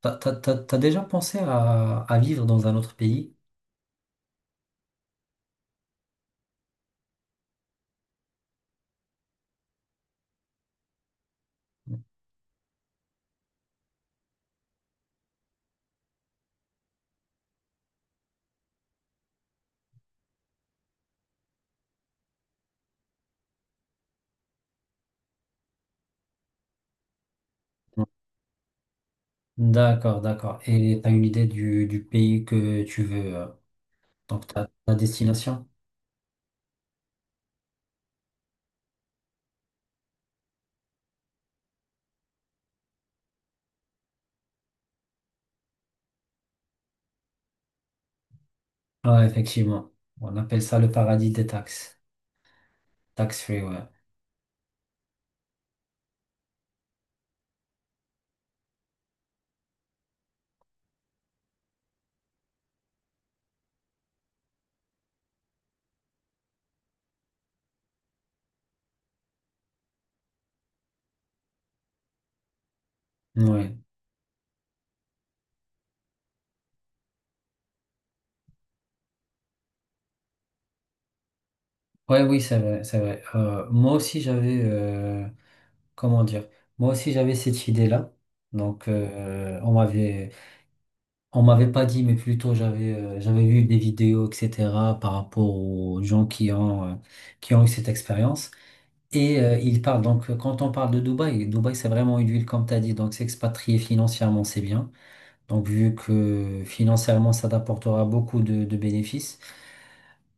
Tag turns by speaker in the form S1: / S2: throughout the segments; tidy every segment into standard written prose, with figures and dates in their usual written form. S1: T'as déjà pensé à vivre dans un autre pays? Non. D'accord, d'accord. Et t'as une idée du pays que tu veux, donc ta destination? Ah, effectivement. On appelle ça le paradis des taxes. Tax free, ouais. Ouais. Ouais, oui, c'est vrai, c'est vrai. Moi aussi, j'avais, comment dire? Moi aussi, j'avais cette idée-là. Donc, on m'avait pas dit, mais plutôt j'avais j'avais vu des vidéos, etc., par rapport aux gens qui ont eu cette expérience. Et il parle, donc Quand on parle de Dubaï, Dubaï c'est vraiment une ville comme tu as dit, donc s'expatrier financièrement c'est bien. Donc vu que financièrement ça t'apportera beaucoup de bénéfices,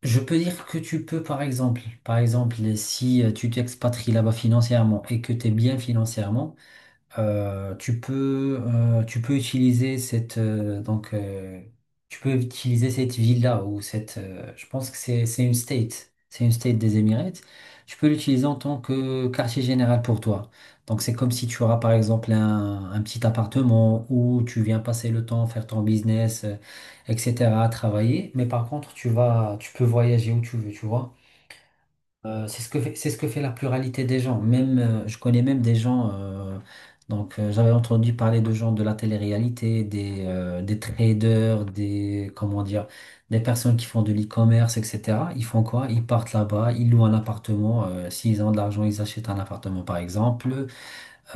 S1: je peux dire que tu peux par exemple si tu t'expatries là-bas financièrement et que tu es bien financièrement, euh, tu peux, euh, tu peux utiliser cette, euh, donc, euh, tu peux utiliser cette villa ou cette, je pense que c'est une state des Émirats. Tu peux l'utiliser en tant que quartier général pour toi. Donc, c'est comme si tu auras par exemple un petit appartement où tu viens passer le temps, faire ton business, etc., travailler. Mais par contre, tu peux voyager où tu veux, tu vois. C'est ce que fait la pluralité des gens. Même, je connais même des gens. Donc, j'avais entendu parler de gens de la télé-réalité, des traders, des comment dire, des personnes qui font de l'e-commerce, etc. Ils font quoi? Ils partent là-bas, ils louent un appartement. S'ils ont de l'argent, ils achètent un appartement, par exemple.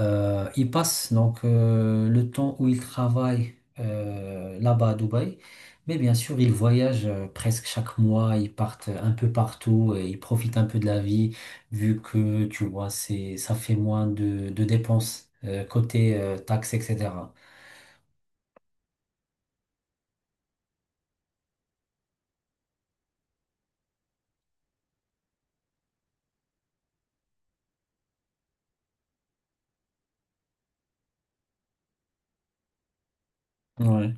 S1: Il passe donc le temps où il travaille là-bas à Dubaï, mais bien sûr, il voyage presque chaque mois, ils partent un peu partout et ils profitent un peu de la vie, vu que tu vois, ça fait moins de dépenses côté taxes, etc. Ouais,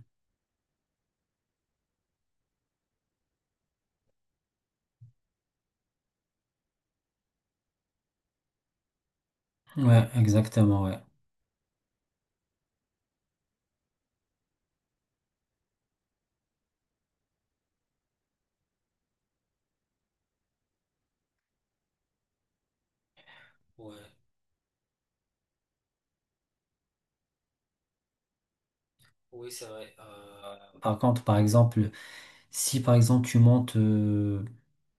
S1: ouais, exactement, ouais. Par contre, par exemple, si par exemple tu montes, euh,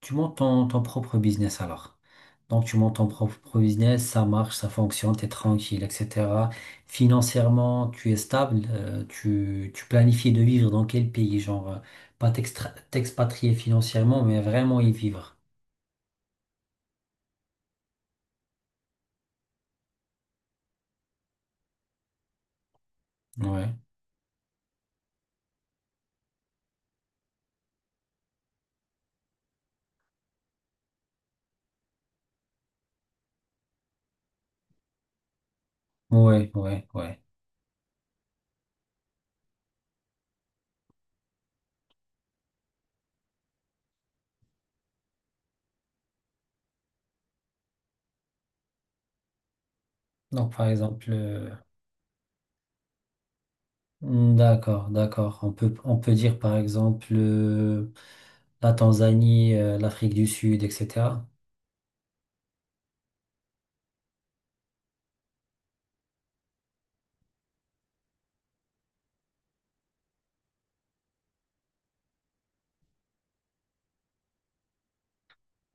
S1: tu montes ton propre business alors. Donc tu montes ton propre business, ça marche, ça fonctionne, t'es tranquille, etc. Financièrement, tu es stable, tu planifies de vivre dans quel pays, genre pas t'expatrier financièrement, mais vraiment y vivre. Ouais, ouais, ouais, ouais. Donc par exemple, d'accord, d'accord. On peut dire par exemple la Tanzanie, l'Afrique du Sud, etc.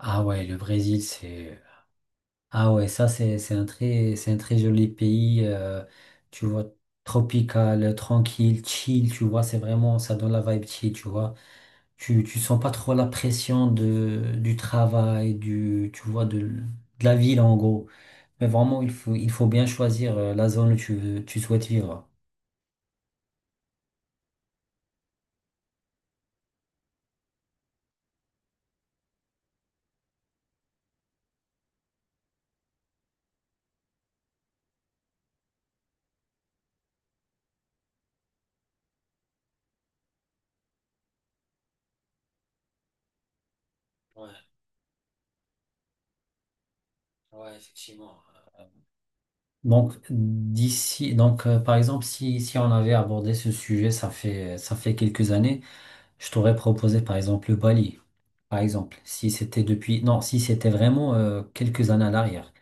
S1: Ah ouais, le Brésil, c'est... Ah ouais, ça, c'est un très joli pays, tu vois, tropical, tranquille, chill, tu vois, c'est vraiment, ça donne la vibe chill, tu vois. Tu sens pas trop la pression du travail, tu vois, de la ville, en gros. Mais vraiment, il faut bien choisir la zone où tu souhaites vivre. Donc, par exemple, si on avait abordé ce sujet, ça fait quelques années, je t'aurais proposé, par exemple, le Bali. Par exemple, si c'était depuis, non, si c'était vraiment quelques années à l'arrière.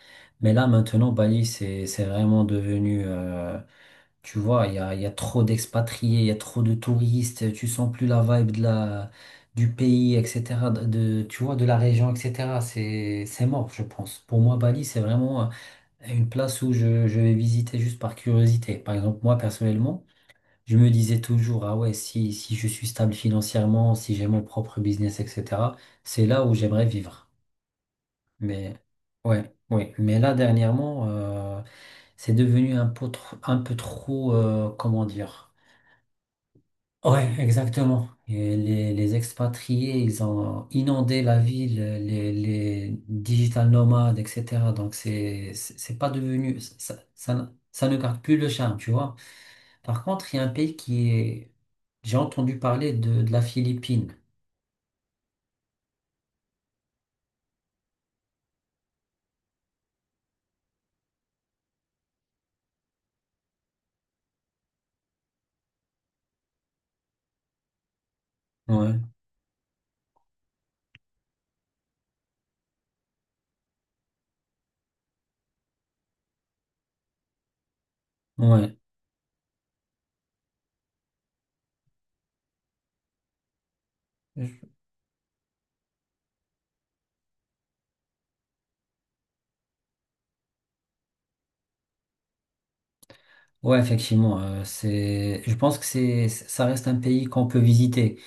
S1: Mais là, maintenant, Bali, c'est vraiment devenu, tu vois, il y a trop d'expatriés, il y a trop de touristes, tu sens plus la vibe du pays, etc., tu vois, de la région, etc. C'est mort, je pense. Pour moi, Bali, c'est vraiment une place où je vais visiter juste par curiosité. Par exemple, moi, personnellement, je me disais toujours, ah ouais, si je suis stable financièrement, si j'ai mon propre business, etc., c'est là où j'aimerais vivre. Mais ouais, ouais. Mais là, dernièrement, c'est devenu un peu trop, comment dire? Ouais, exactement. Et les expatriés, ils ont inondé la ville, les digital nomades, etc. Donc, c'est pas devenu, ça ne garde plus le charme, tu vois. Par contre, il y a un pays qui est... J'ai entendu parler de la Philippine. Ouais, ouais. Je- Ouais, effectivement, je pense que ça reste un pays qu'on peut visiter,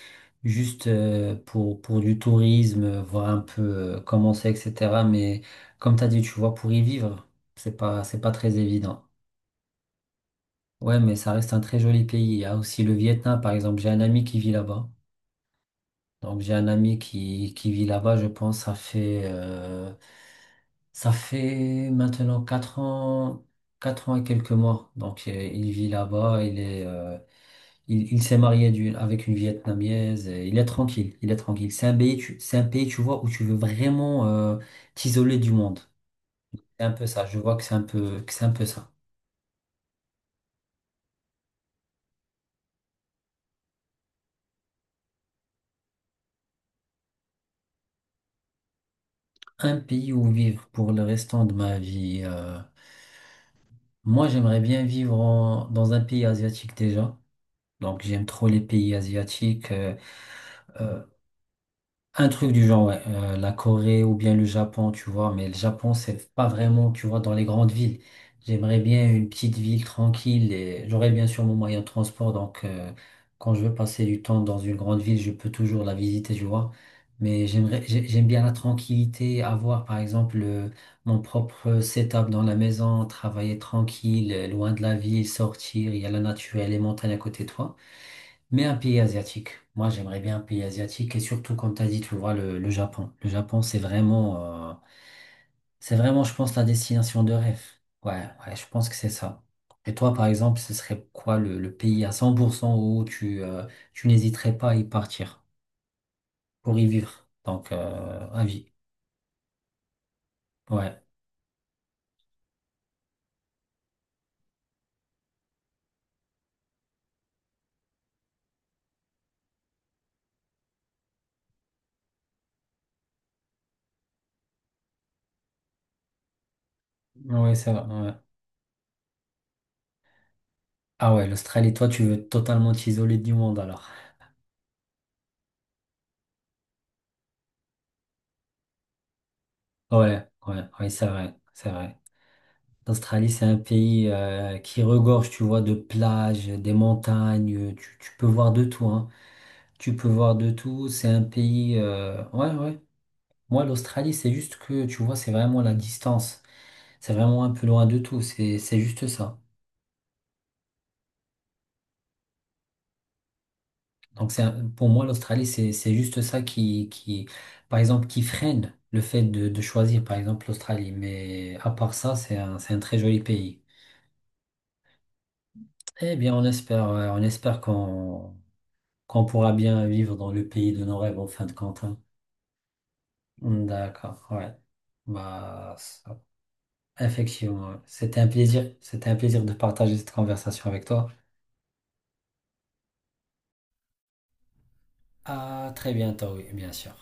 S1: juste pour du tourisme, voir un peu comment c'est, etc. Mais comme tu as dit, tu vois, pour y vivre, c'est pas très évident. Ouais, mais ça reste un très joli pays. Il y a aussi le Vietnam, par exemple. J'ai un ami qui vit là-bas. Donc j'ai un ami qui vit là-bas, je pense, ça fait maintenant 4 ans, 4 ans et quelques mois. Donc il vit là-bas, il s'est marié avec une Vietnamienne, et il est tranquille, il est tranquille. C'est un pays, tu vois, où tu veux vraiment t'isoler du monde. C'est un peu ça, je vois que c'est un peu ça. Un pays où vivre pour le restant de ma vie. Moi, j'aimerais bien vivre dans un pays asiatique déjà. Donc j'aime trop les pays asiatiques. Euh, un truc du genre, ouais, la Corée ou bien le Japon, tu vois. Mais le Japon, c'est pas vraiment, tu vois, dans les grandes villes. J'aimerais bien une petite ville tranquille et j'aurais bien sûr mon moyen de transport. Donc quand je veux passer du temps dans une grande ville, je peux toujours la visiter, tu vois. Mais j'aime bien la tranquillité, avoir par exemple mon propre setup dans la maison, travailler tranquille, loin de la ville, sortir, il y a la nature et les montagnes à côté de toi. Mais un pays asiatique. Moi, j'aimerais bien un pays asiatique et surtout, comme tu as dit, tu vois, le Japon. Le Japon, c'est vraiment, je pense, la destination de rêve. Ouais, ouais, je pense que c'est ça. Et toi, par exemple, ce serait quoi le pays à 100% où tu n'hésiterais pas à y partir pour y vivre? Donc, à vie. Ouais, ouais, ça va. Ouais. Ah ouais, l'Australie, toi, tu veux totalement t'isoler du monde alors. Ouais, ouais, ouais, c'est vrai, c'est vrai. L'Australie, c'est un pays qui regorge, tu vois, de plages, des montagnes, tu peux voir de tout, hein. Tu peux voir de tout, c'est un pays... Ouais, ouais. Moi, l'Australie, c'est juste que, tu vois, c'est vraiment la distance. C'est vraiment un peu loin de tout, c'est juste ça. Donc, pour moi, l'Australie, c'est juste ça qui freine le fait de choisir, par exemple, l'Australie. Mais à part ça, c'est un très joli pays. Eh bien, on espère, ouais, on espère qu'on pourra bien vivre dans le pays de nos rêves en fin de compte, hein. D'accord, ouais. Bah, effectivement, ouais. C'était un plaisir. C'était un plaisir de partager cette conversation avec toi. À très bientôt, oui, bien sûr.